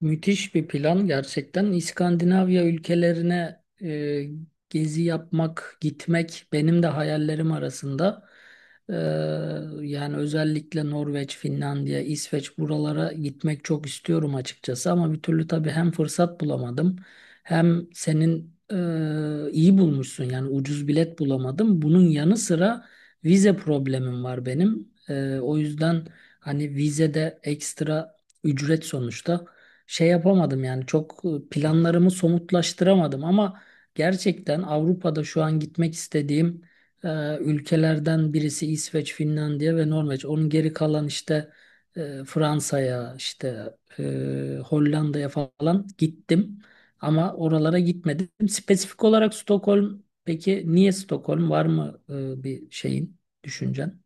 Müthiş bir plan gerçekten. İskandinavya ülkelerine gezi yapmak, gitmek benim de hayallerim arasında. E, Yani özellikle Norveç, Finlandiya, İsveç buralara gitmek çok istiyorum açıkçası. Ama bir türlü tabii hem fırsat bulamadım hem senin iyi bulmuşsun yani ucuz bilet bulamadım. Bunun yanı sıra vize problemim var benim. O yüzden hani vizede ekstra ücret sonuçta şey yapamadım yani çok planlarımı somutlaştıramadım ama gerçekten Avrupa'da şu an gitmek istediğim ülkelerden birisi İsveç, Finlandiya ve Norveç. Onun geri kalan işte Fransa'ya, işte Hollanda'ya falan gittim ama oralara gitmedim. Spesifik olarak Stockholm, peki niye Stockholm var mı bir şeyin, düşüncen?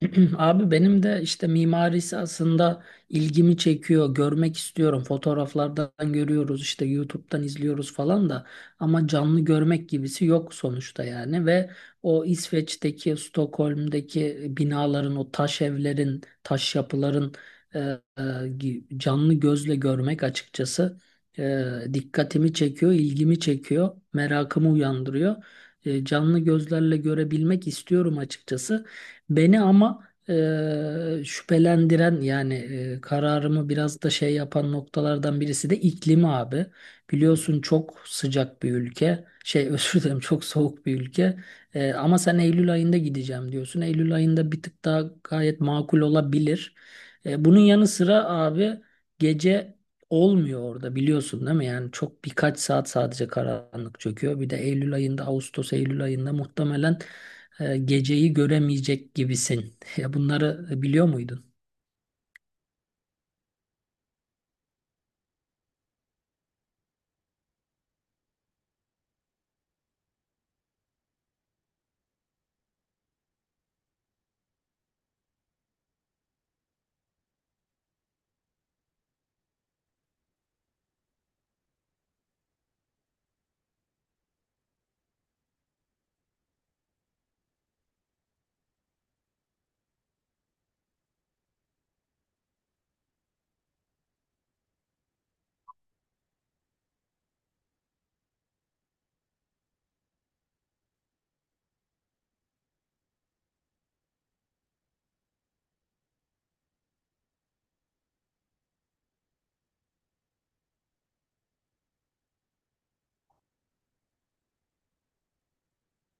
Abi benim de işte mimarisi aslında ilgimi çekiyor. Görmek istiyorum. Fotoğraflardan görüyoruz işte YouTube'dan izliyoruz falan da ama canlı görmek gibisi yok sonuçta yani ve o İsveç'teki, Stockholm'deki binaların, o taş evlerin, taş yapıların e, e, canlı gözle görmek açıkçası e, dikkatimi çekiyor, ilgimi çekiyor, merakımı uyandırıyor. Canlı gözlerle görebilmek istiyorum açıkçası. Beni ama şüphelendiren yani kararımı biraz da şey yapan noktalardan birisi de iklimi abi. Biliyorsun çok sıcak bir ülke. Şey özür dilerim çok soğuk bir ülke. Ama sen Eylül ayında gideceğim diyorsun. Eylül ayında bir tık daha gayet makul olabilir. Bunun yanı sıra abi gece olmuyor orada biliyorsun değil mi? Yani çok birkaç saat sadece karanlık çöküyor. Bir de Eylül ayında, Ağustos Eylül ayında muhtemelen geceyi göremeyecek gibisin. Ya bunları biliyor muydun?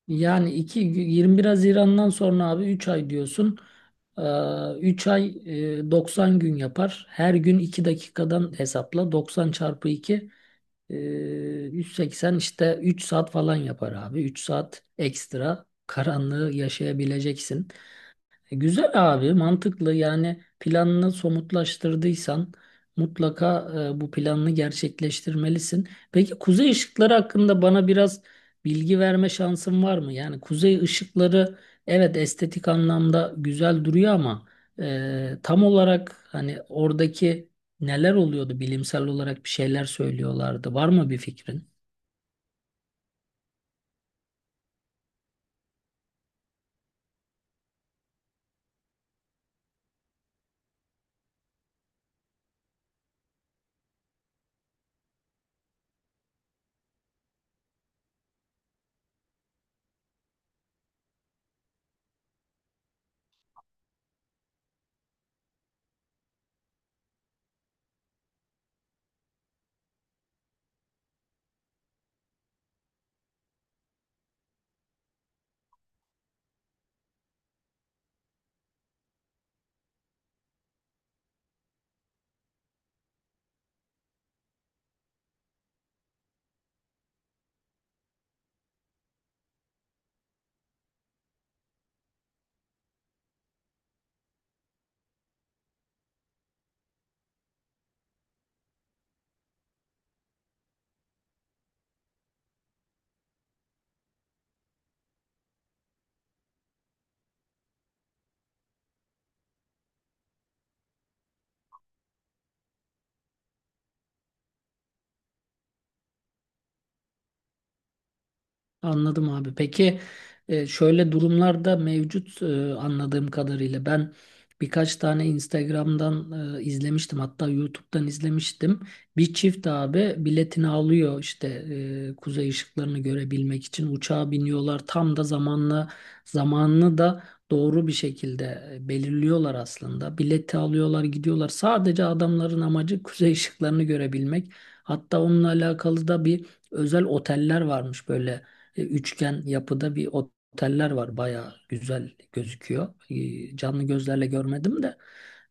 Yani 2 21 Haziran'dan sonra abi 3 ay diyorsun. 3 ay 90 gün yapar. Her gün 2 dakikadan hesapla. 90 çarpı 2 180 işte 3 saat falan yapar abi. 3 saat ekstra karanlığı yaşayabileceksin. Güzel abi, mantıklı. Yani planını somutlaştırdıysan mutlaka bu planını gerçekleştirmelisin. Peki kuzey ışıkları hakkında bana biraz bilgi verme şansın var mı? Yani kuzey ışıkları evet estetik anlamda güzel duruyor ama tam olarak hani oradaki neler oluyordu bilimsel olarak bir şeyler söylüyorlardı. Var mı bir fikrin? Anladım abi. Peki şöyle durumlarda mevcut anladığım kadarıyla ben birkaç tane Instagram'dan izlemiştim hatta YouTube'dan izlemiştim. Bir çift abi biletini alıyor işte kuzey ışıklarını görebilmek için uçağa biniyorlar. Tam da zamanla zamanını da doğru bir şekilde belirliyorlar aslında. Bileti alıyorlar gidiyorlar. Sadece adamların amacı kuzey ışıklarını görebilmek. Hatta onunla alakalı da bir özel oteller varmış böyle üçgen yapıda bir oteller var. Bayağı güzel gözüküyor. Canlı gözlerle görmedim de.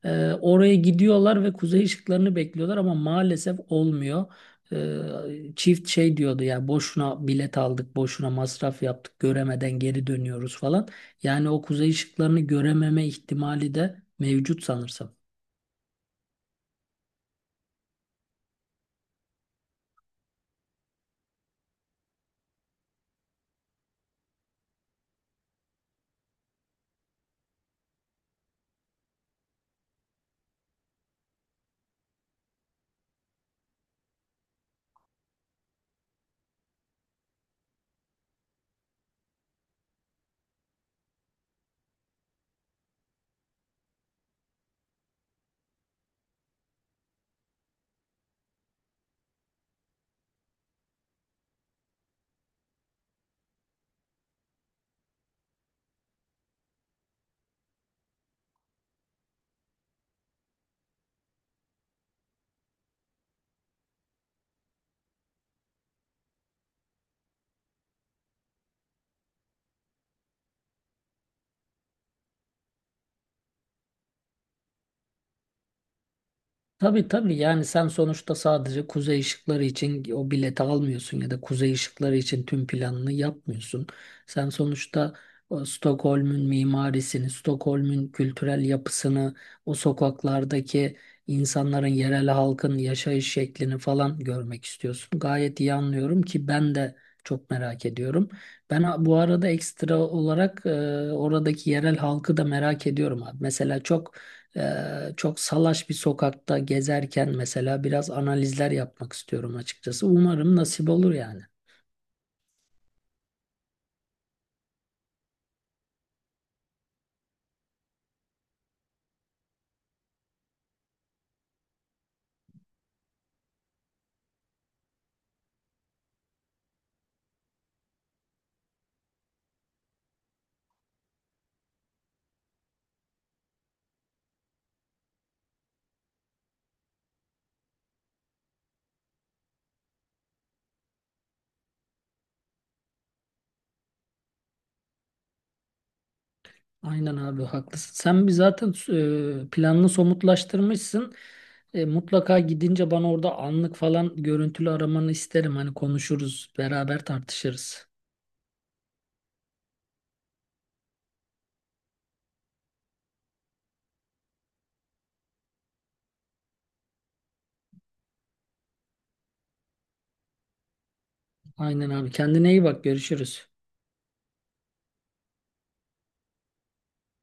Oraya gidiyorlar ve kuzey ışıklarını bekliyorlar ama maalesef olmuyor. Çift şey diyordu ya boşuna bilet aldık, boşuna masraf yaptık, göremeden geri dönüyoruz falan. Yani o kuzey ışıklarını görememe ihtimali de mevcut sanırsam. Tabii tabii, yani sen sonuçta sadece kuzey ışıkları için o bileti almıyorsun ya da kuzey ışıkları için tüm planını yapmıyorsun. Sen sonuçta o Stockholm'ün mimarisini, Stockholm'ün kültürel yapısını, o sokaklardaki insanların, yerel halkın yaşayış şeklini falan görmek istiyorsun. Gayet iyi anlıyorum ki ben de çok merak ediyorum. Ben bu arada ekstra olarak oradaki yerel halkı da merak ediyorum abi. Mesela çok salaş bir sokakta gezerken mesela biraz analizler yapmak istiyorum açıkçası. Umarım nasip olur yani. Aynen abi, haklısın. Sen bir zaten planını somutlaştırmışsın. Mutlaka gidince bana orada anlık falan görüntülü aramanı isterim. Hani konuşuruz, beraber tartışırız. Aynen abi. Kendine iyi bak. Görüşürüz.